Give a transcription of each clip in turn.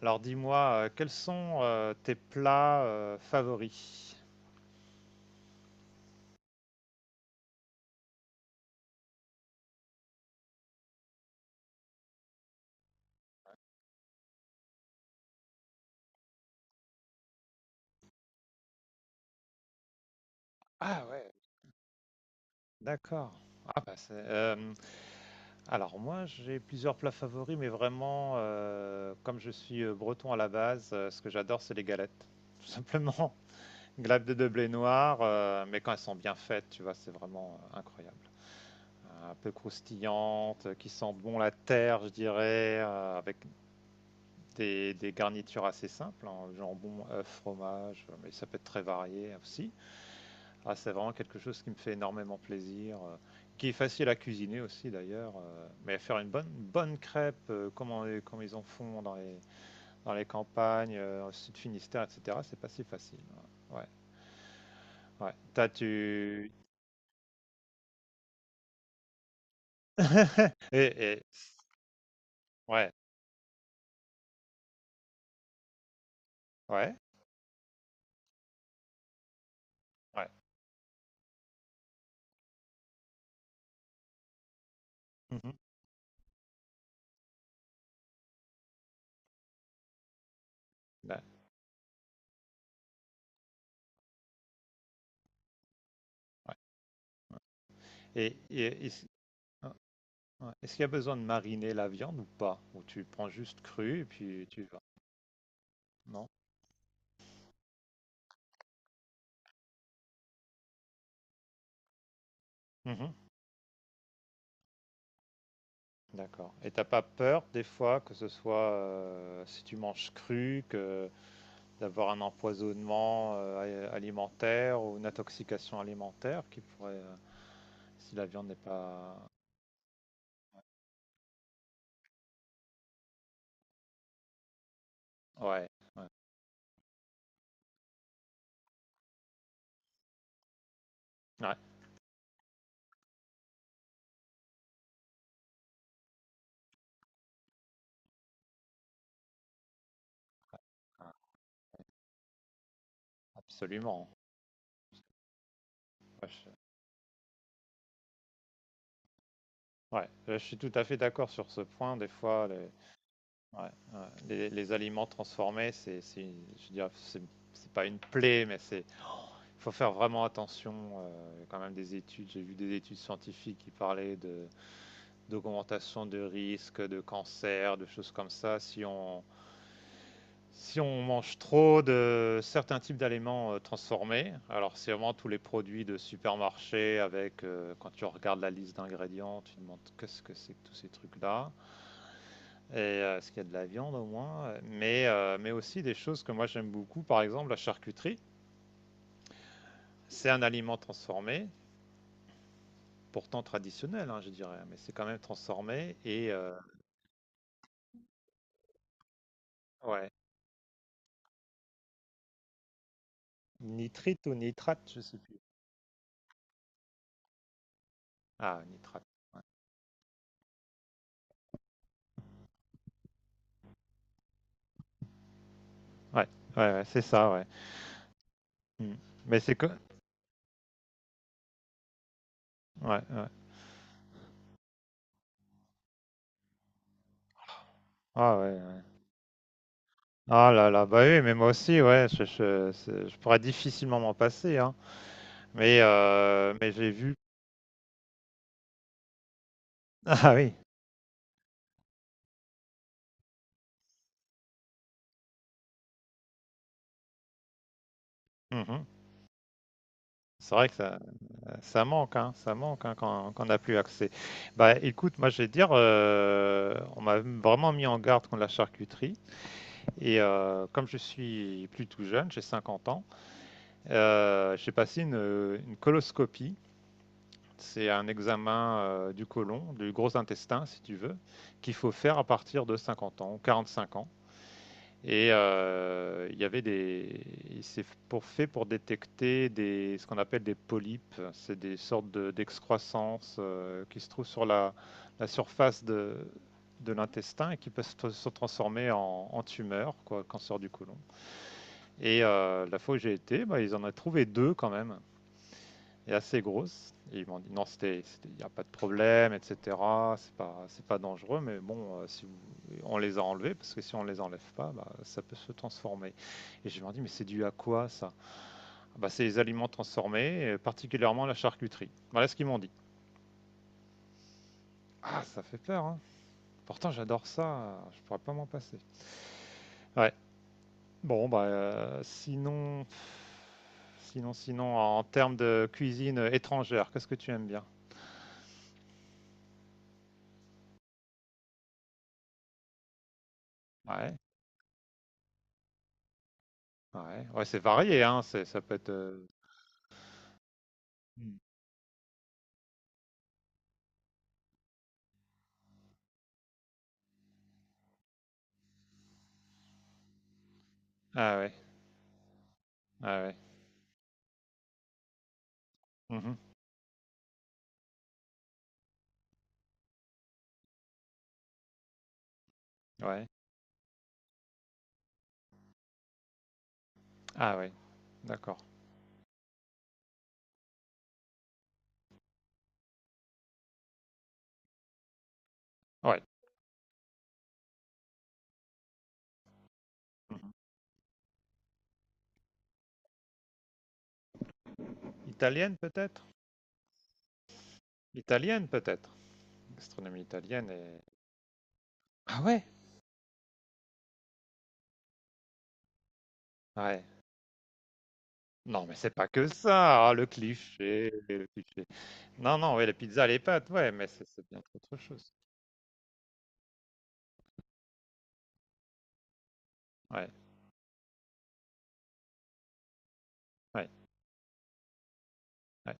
Alors dis-moi, quels sont tes plats favoris? Ah ouais. D'accord. Ah bah c'est, alors moi j'ai plusieurs plats favoris, mais vraiment comme je suis breton à la base, ce que j'adore c'est les galettes. Tout simplement. Galettes de blé noir, mais quand elles sont bien faites, tu vois, c'est vraiment incroyable. Un peu croustillantes, qui sentent bon la terre, je dirais, avec des garnitures assez simples, hein, jambon, œuf, fromage, mais ça peut être très varié aussi. Ah, c'est vraiment quelque chose qui me fait énormément plaisir, qui est facile à cuisiner aussi d'ailleurs, mais faire une bonne crêpe, comme on les comme ils en font dans les campagnes, dans sud Finistère et cetera, c'est pas si facile, hein. Ouais. Ouais, T'as tu et ouais, ouais, ouais. Mmh. Bah, ouais, ouais et est-ce ouais, ouais, est-ce qu'il y a besoin de mariner la viande ou pas? Ou tu prends juste crue et puis tu y vas? Non? Mmh. D'accord. Et t'as pas peur des fois que ce soit si tu manges cru, que d'avoir un empoisonnement alimentaire ou une intoxication alimentaire qui pourrait, si la viande n'est pas. Ouais, ouais, ouais, absolument. Ouais, je, ouais, je suis tout à fait d'accord sur ce point. Des fois, les, ouais, ouais, les aliments transformés, je dirais, c'est pas une plaie, mais c'est, faut faire vraiment attention. Euh, il y a quand même des études, j'ai vu des études scientifiques qui parlaient de d'augmentation de risque de cancer, de choses comme ça, si on mange trop de certains types d'aliments transformés. Alors, c'est vraiment tous les produits de supermarché avec, quand tu regardes la liste d'ingrédients, tu te demandes qu'est-ce que c'est que tous ces trucs-là, et est-ce qu'il y a de la viande au moins, mais aussi des choses que moi j'aime beaucoup, par exemple la charcuterie. C'est un aliment transformé, pourtant traditionnel, hein, je dirais, mais c'est quand même transformé et ouais, nitrite ou nitrate, je sais plus. Ah, nitrate. Ouais, ouais, ouais, c'est ça, ouais. Mm. Mais c'est que. Ouais, ouais. Ah, ouais, ouais. Ah là là, bah oui, mais moi aussi, ouais, je, c'est- je pourrais difficilement m'en passer, hein. Mais j'ai vu. Ah oui, mhm. C'est vrai que ça, ça manque hein, quand, quand on n'a plus accès. Bah écoute, moi je vais te dire, on m'a vraiment mis en garde contre la charcuterie. Et comme je suis plus tout jeune, j'ai 50 ans, j'ai passé une coloscopie. C'est un examen du côlon, du gros intestin, si tu veux, qu'il faut faire à partir de 50 ans, 45 ans. Et il y avait des, c'est pour fait pour détecter des, ce qu'on appelle des polypes. C'est des d'excroissances qui se trouvent sur la, la surface de l'intestin et qui peuvent se transformer en, en tumeur, quoi, cancer du côlon. Et la fois où j'ai été, bah, ils en ont trouvé deux quand même est assez grosse. Et ils m'ont dit non, c'était, il n'y a pas de problème, etc. C'est pas dangereux, mais bon, si vous- on les a enlevés parce que si on les enlève pas, bah, ça peut se transformer. Et je leur dis mais c'est dû à quoi ça. Ah bah, c'est les aliments transformés, et particulièrement la charcuterie. Voilà ce qu'ils m'ont dit. Ah, ça fait peur. Hein. Pourtant, j'adore ça. Je pourrais pas m'en passer. Ouais. Bon, bah, sinon, sinon, sinon, en termes de cuisine étrangère, qu'est-ce que tu aimes bien? Ouais. Ouais, ouais c'est varié, hein. C'est- Ça peut être. Euh, mm. Ah ouais, ah ouais. Mhm. Ouais. Ah ouais, d'accord. Ouais. Italienne peut-être? Italienne peut-être. Gastronomie italienne et. Ah ouais? Ouais. Non, mais c'est pas que ça, ah, le cliché, le cliché. Non, non, ouais, les pizzas, les pâtes, ouais, mais c'est bien autre chose. Ouais, ouais, ouais,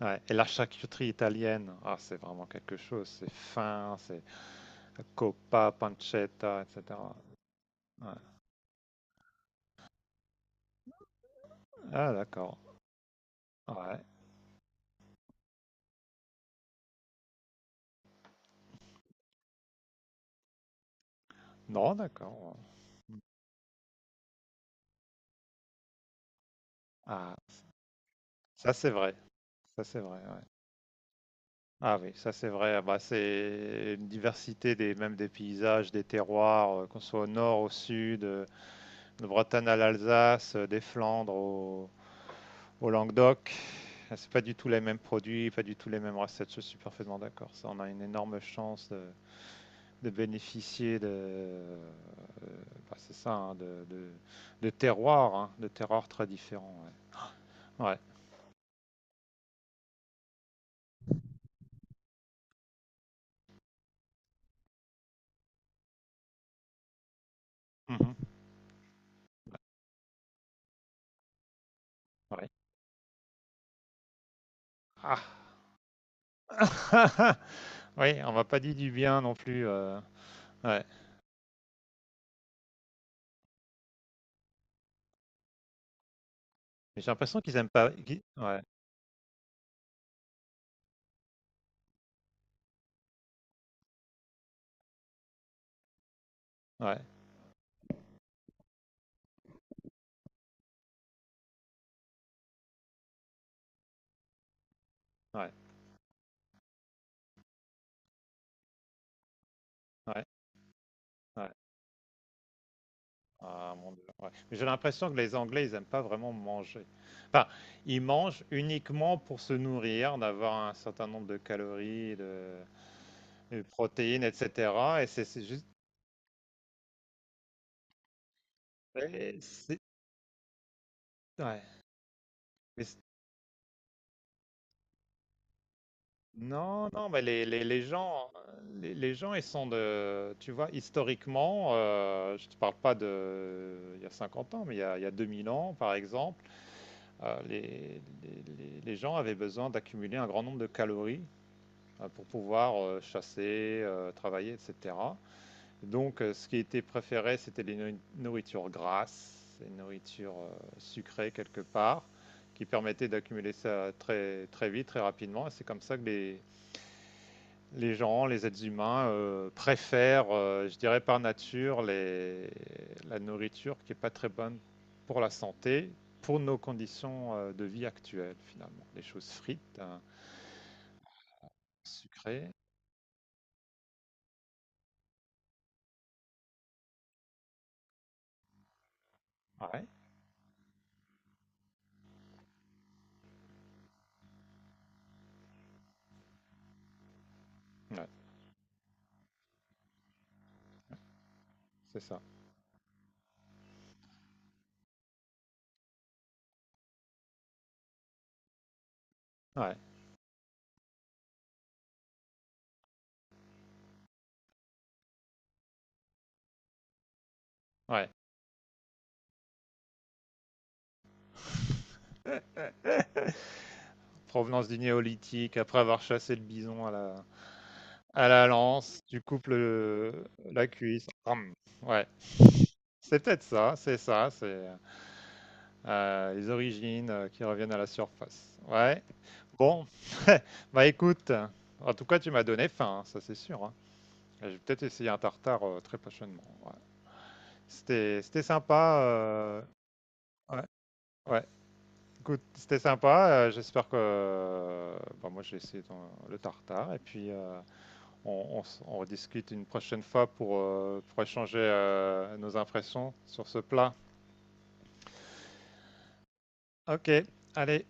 ouais. Et la charcuterie italienne, ah, c'est vraiment quelque chose, c'est fin, c'est coppa, pancetta, etc. Ouais. Ah, d'accord. Ouais. Non, d'accord. Mmh. Ah, ça c'est vrai, ça c'est vrai, ouais. Ah oui, ça c'est vrai, ah bah, c'est une diversité des même des paysages, des terroirs, qu'on soit au nord, au sud, de Bretagne à l'Alsace, des Flandres au au Languedoc. Ah, c'est pas du tout les mêmes produits, pas du tout les mêmes recettes, je suis parfaitement d'accord. Ça, on a une énorme chance de bénéficier de, bah, c'est ça, hein, de terroirs, hein, de terroirs très différents, ouais. Ouais. Mmh. Ouais. Ouais. Ah! Oui, on m'a pas dit du bien non plus, ouais. Mais j'ai l'impression qu'ils aiment pas qui ouais, ouais, ouais, ouais, ouais. Ah mon Dieu, ouais. Mais j'ai l'impression que les Anglais, ils aiment pas vraiment manger. Enfin, ils mangent uniquement pour se nourrir, d'avoir un certain nombre de calories, de protéines et cetera et c'est juste et c'est ouais, mais non, non, mais les gens, ils sont de, tu vois, historiquement, je ne te parle pas de, il y a 50 ans, mais il y a 2000 ans, par exemple, les gens avaient besoin d'accumuler un grand nombre de calories pour pouvoir chasser, travailler, etc. Donc, ce qui était préféré, c'était les nourritures grasses, les nourritures sucrées quelque part, qui permettaient d'accumuler ça très, très vite, très rapidement, et c'est comme ça que les gens, les êtres humains préfèrent, je dirais par nature, la nourriture qui n'est pas très bonne pour la santé, pour nos conditions de vie actuelles finalement. Les choses frites, hein, sucrées. Ouais, ouais, c'est ça. Ouais, ouais. Provenance du néolithique, après avoir chassé le bison à la lance, tu coupes la cuisse. Ouais, c'est peut-être ça, c'est les origines qui reviennent à la surface. Ouais. Bon, bah écoute, en tout cas, tu m'as donné faim, hein, ça c'est sûr. Hein. Et je vais peut-être essayer un tartare très prochainement. Ouais. C'était, c'était sympa. Euh, ouais, ouais. Écoute, c'était sympa. Euh, j'espère que, bah, moi, j'ai essayé le tartare et puis on, on rediscute une prochaine fois pour échanger nos impressions sur ce plat. Ok, allez,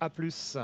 à plus.